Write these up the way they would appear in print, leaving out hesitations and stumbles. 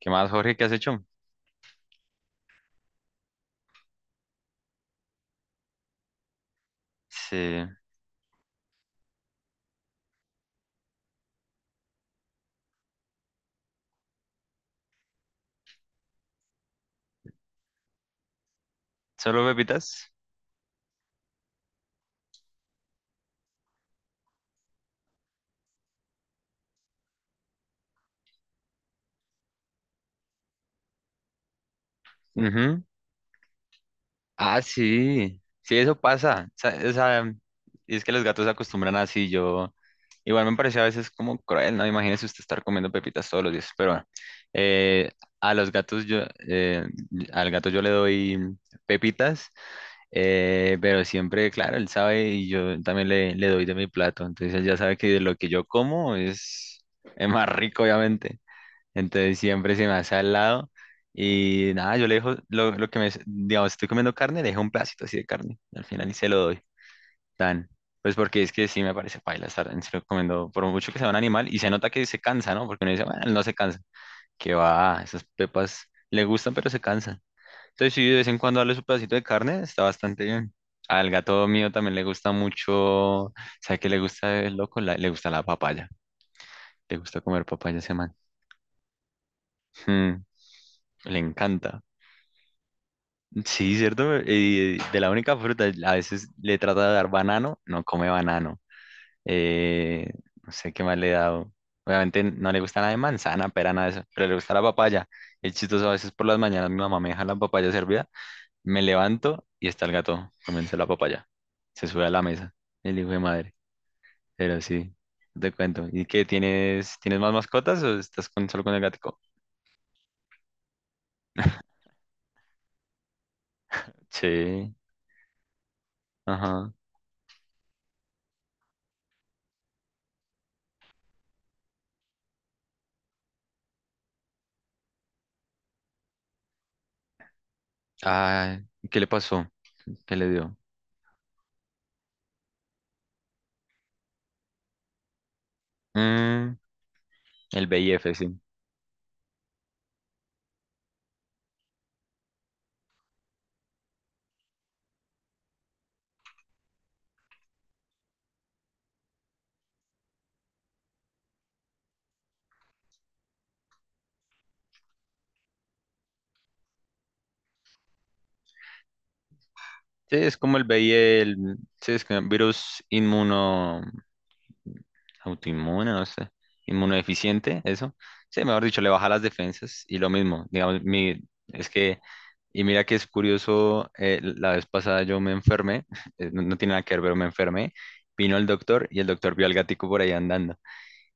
¿Qué más, Jorge? ¿Qué has hecho? Sí. ¿Solo pepitas? Ujú. Ah, sí. Sí, eso pasa. O sea, y es que los gatos se acostumbran así. Yo, igual me parecía a veces como cruel, ¿no? Imagínese usted estar comiendo pepitas todos los días. Pero bueno, eh, a los gatos yo, eh, al gato yo le doy pepitas, pero siempre, claro, él sabe y yo también le doy de mi plato. Entonces él ya sabe que de lo que yo como es más rico, obviamente. Entonces siempre se me hace al lado. Y nada, yo le dejo lo que me, digamos, estoy comiendo carne, le dejo un pedacito así de carne. Al final y se lo doy. Tan. Pues porque es que sí me parece paila estar en serio comiendo, por mucho que sea un animal, y se nota que se cansa, ¿no? Porque uno dice, bueno, él no se cansa. Que va, esas pepas le gustan, pero se cansan. Entonces, sí, de vez en cuando darle su pedacito de carne, está bastante bien. Al gato mío también le gusta mucho. ¿Sabe qué le gusta el loco? Le gusta la papaya. Le gusta comer papaya a ese man. Mm, Le encanta. Sí, cierto. De la única fruta, a veces le trata de dar banano, no come banano. Eh, no sé qué más le he dado. Obviamente no le gusta nada de manzana, pera, nada de eso, pero le gusta la papaya. Es chistoso, a veces por las mañanas mi mamá me deja la papaya servida, me levanto y está el gato comiéndose la papaya. Se sube a la mesa, el hijo de madre. Pero sí, te cuento. ¿Y qué tienes? ¿Tienes más mascotas o estás solo con el gatico? Sí, ajá. Ah, ¿qué le pasó? ¿Qué le dio? Mm, El VIF sí. Sí, es como el VIH, el, sí, es que virus inmuno, autoinmune, no sé, inmunodeficiente, eso. Sí, mejor dicho, le baja las defensas y lo mismo, digamos, es que, y mira que es curioso, la vez pasada yo me enfermé, no, no tiene nada que ver, pero me enfermé, vino el doctor y el doctor vio al gatico por ahí andando.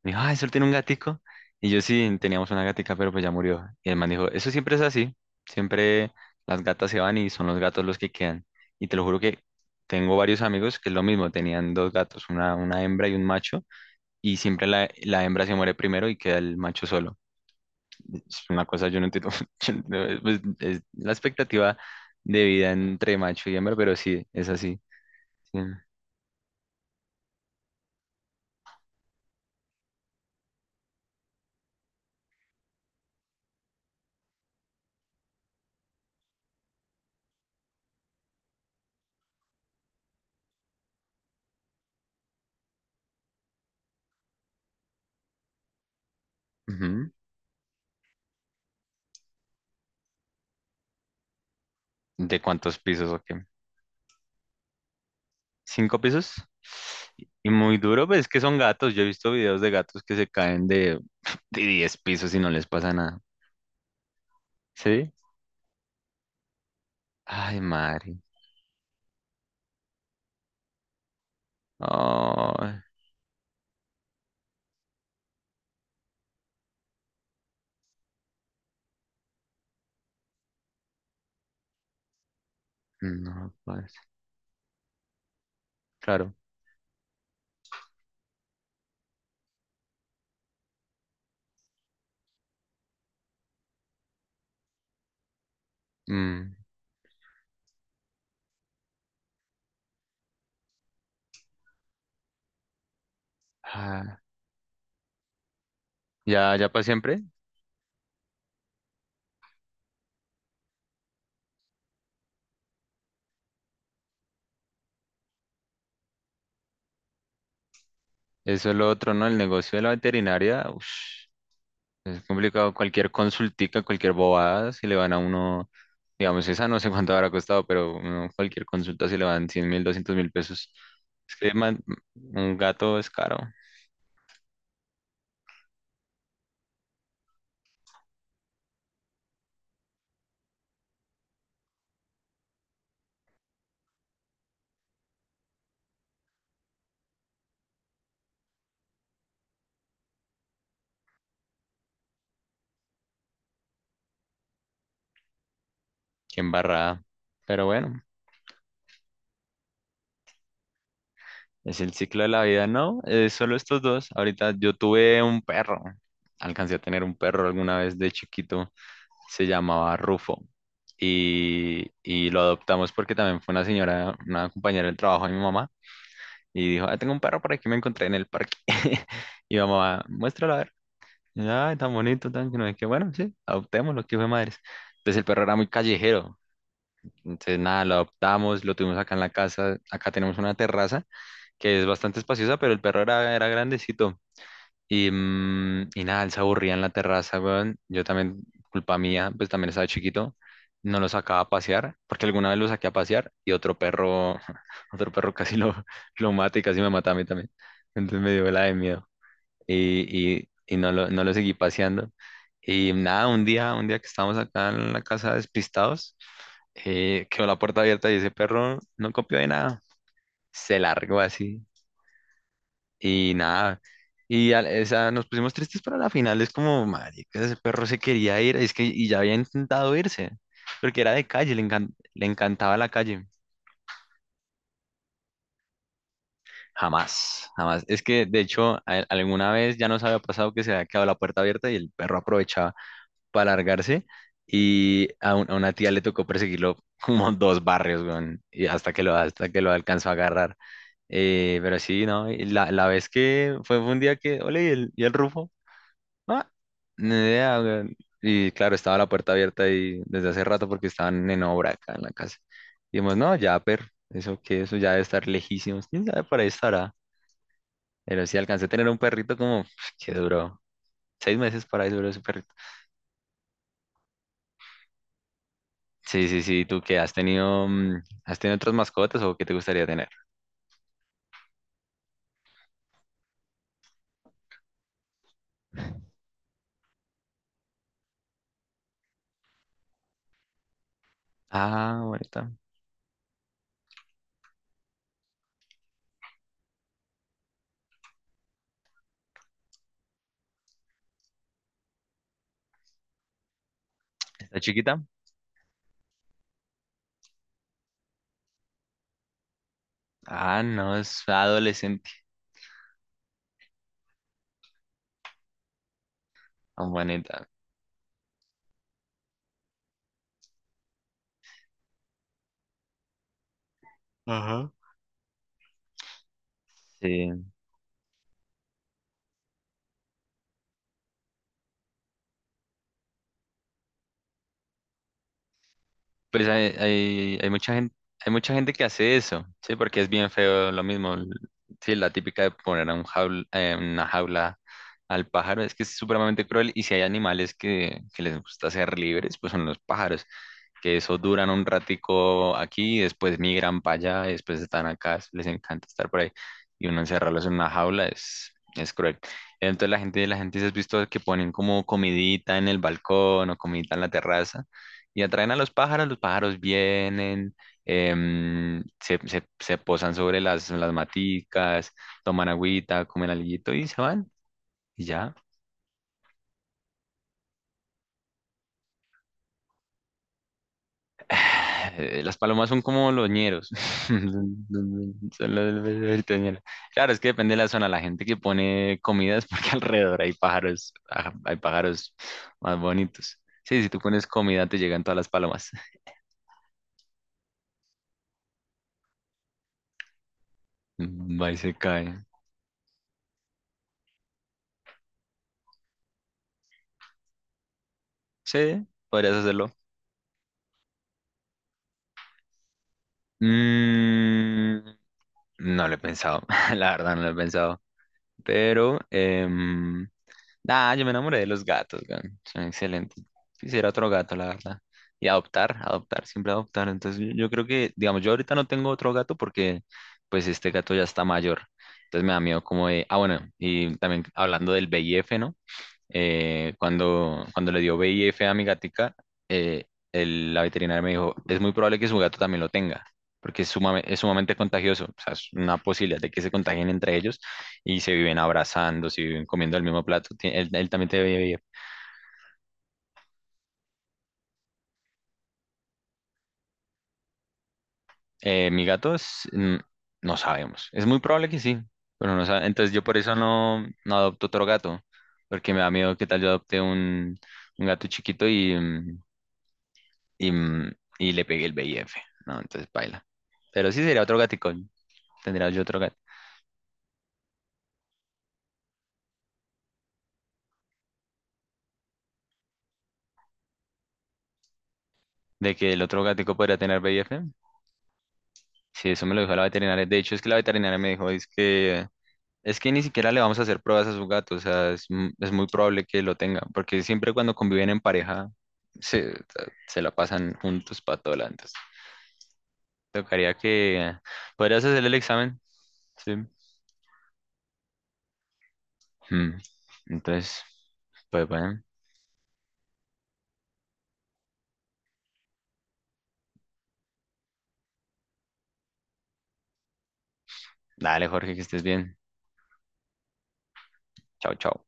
Me dijo, ah, ¿solo tiene un gatico? Y yo sí, teníamos una gatica, pero pues ya murió. Y el man dijo, eso siempre es así, siempre las gatas se van y son los gatos los que quedan. Y te lo juro que tengo varios amigos que es lo mismo, tenían dos gatos, una hembra y un macho, y siempre la hembra se muere primero y queda el macho solo. Es una cosa, yo no entiendo, yo no- pues, es la expectativa de vida entre macho y hembra, pero sí, es así. Sí. Ujú. ¿De cuántos pisos o...? Cinco pisos. Y muy duro, pues es que son gatos. Yo he visto videos de gatos que se caen de, de 10 pisos y no les pasa nada. ¿Sí? Ay, madre. Ay, no, pues, claro. Mm, ah, ya, ya para siempre. Eso es lo otro, ¿no? El negocio de la veterinaria, ush, es complicado. Cualquier consultica, cualquier bobada, si le van a uno, digamos, esa no sé cuánto habrá costado, pero uno, cualquier consulta, si le van 100 mil, 200 mil pesos. Es que un gato es caro. Qué embarrada. Pero bueno, es el ciclo de la vida, ¿no? Es solo estos dos. Ahorita yo tuve un perro. Alcancé a tener un perro alguna vez de chiquito. Se llamaba Rufo. Y lo adoptamos porque también fue una señora, una compañera del trabajo de mi mamá. Y dijo, ah, tengo un perro por aquí, me encontré en el parque. Y mamá, muéstralo a ver. Y, yo, ay, tan bonito, tan que no es que bueno, sí, adoptémoslo, que hijo de madres. Entonces el perro era muy callejero. Entonces nada, lo adoptamos, lo tuvimos acá en la casa. Acá tenemos una terraza que es bastante espaciosa, pero el perro era grandecito. Y nada, él se aburría en la terraza, weón. Yo también, culpa mía, pues también estaba chiquito. No lo sacaba a pasear, porque alguna vez lo saqué a pasear y otro perro, otro perro casi lo, lo mata y casi me mata a mí también. Entonces me dio la de miedo y, y no lo, seguí paseando. Y nada, un día que estábamos acá en la casa despistados, quedó la puerta abierta y ese perro no copió de nada. Se largó así y nada, y o sea, nos pusimos tristes pero a la final, es como, marica, ese perro se quería ir, es que, y ya había intentado irse, porque era de calle, le encantaba la calle. Jamás, jamás. Es que, de hecho, alguna vez ya nos había pasado que se había quedado la puerta abierta y el perro aprovechaba para largarse, a una tía le tocó perseguirlo como dos barrios, weón, y hasta que lo alcanzó a agarrar. Pero sí, ¿no? Y la, la vez que fue un día que, ole, y el Rufo. Ah, ni idea, weón. Y claro, estaba la puerta abierta y desde hace rato porque estaban en obra acá en la casa. Y dijimos, no, ya, pero eso que eso ya debe estar lejísimos. ¿Quién sabe por ahí estará? Pero sí alcancé a tener un perrito como que duró seis meses. Para ahí duró ese perrito. Sí, sí, sí. ¿Tú qué has tenido? ¿Has tenido otras mascotas o qué te gustaría tener? Ah, bonita. ¿Está chiquita? Ah, no, es adolescente. Ah, bonita. Sí. Pues hay mucha gente, hay mucha gente que hace eso, sí, porque es bien feo lo mismo. Sí, la típica de poner a un una jaula al pájaro es que es supremamente cruel. Y si hay animales que les gusta ser libres, pues son los pájaros que eso duran un ratico aquí, después migran para allá, después están acá, les encanta estar por ahí, y uno encerrarlos en una jaula es cruel. Entonces la gente se has visto que ponen como comidita en el balcón o comidita en la terraza y atraen a los pájaros vienen, se posan sobre las maticas, toman agüita, comen alguito y se van. Y ya. Las palomas son como los ñeros. Son los verdaderitos ñeros. Claro, es que depende de la zona. La gente que pone comidas porque alrededor hay pájaros, hay pájaros más bonitos. Sí, si tú pones comida te llegan todas las palomas. Va y se cae. Sí, podrías hacerlo. Mm, no lo he pensado. La verdad, no lo he pensado. Pero, em, Nah, yo me enamoré de los gatos, weón. Son excelentes. Quisiera otro gato, la verdad. Y adoptar, adoptar, siempre adoptar. Entonces yo creo que, digamos, yo ahorita no tengo otro gato porque pues este gato ya está mayor. Entonces me da miedo como de, ah, bueno, y también hablando del V I. F. ¿no? Cuando, cuando le dio VIF a mi gatica, eh, la veterinaria me dijo, es muy probable que su gato también lo tenga, porque es sumamente contagioso, o sea, es una posibilidad de que se contagien entre ellos y se viven abrazando, se viven comiendo el mismo plato. Él también tiene VIF. Mi gato es, no sabemos, es muy probable que sí, pero no sa- entonces yo por eso no adopto otro gato, porque me da miedo que tal yo adopte un gato chiquito y, mm, y le pegué el VIF, ¿no? Entonces baila. Pero sí sería otro gatico, tendría yo otro gato. De que el otro gatico podría tener VIF, sí, eso me lo dijo la veterinaria. De hecho, es que la veterinaria me dijo, es que ni siquiera le vamos a hacer pruebas a su gato, o sea, es muy probable que lo tenga, porque siempre cuando conviven en pareja, se, se la pasan juntos para todo lado. Entonces, tocaría que, podrías hacer el examen, sí. Mm, Entonces, pues bueno, dale Jorge, que estés bien. Chao, chao.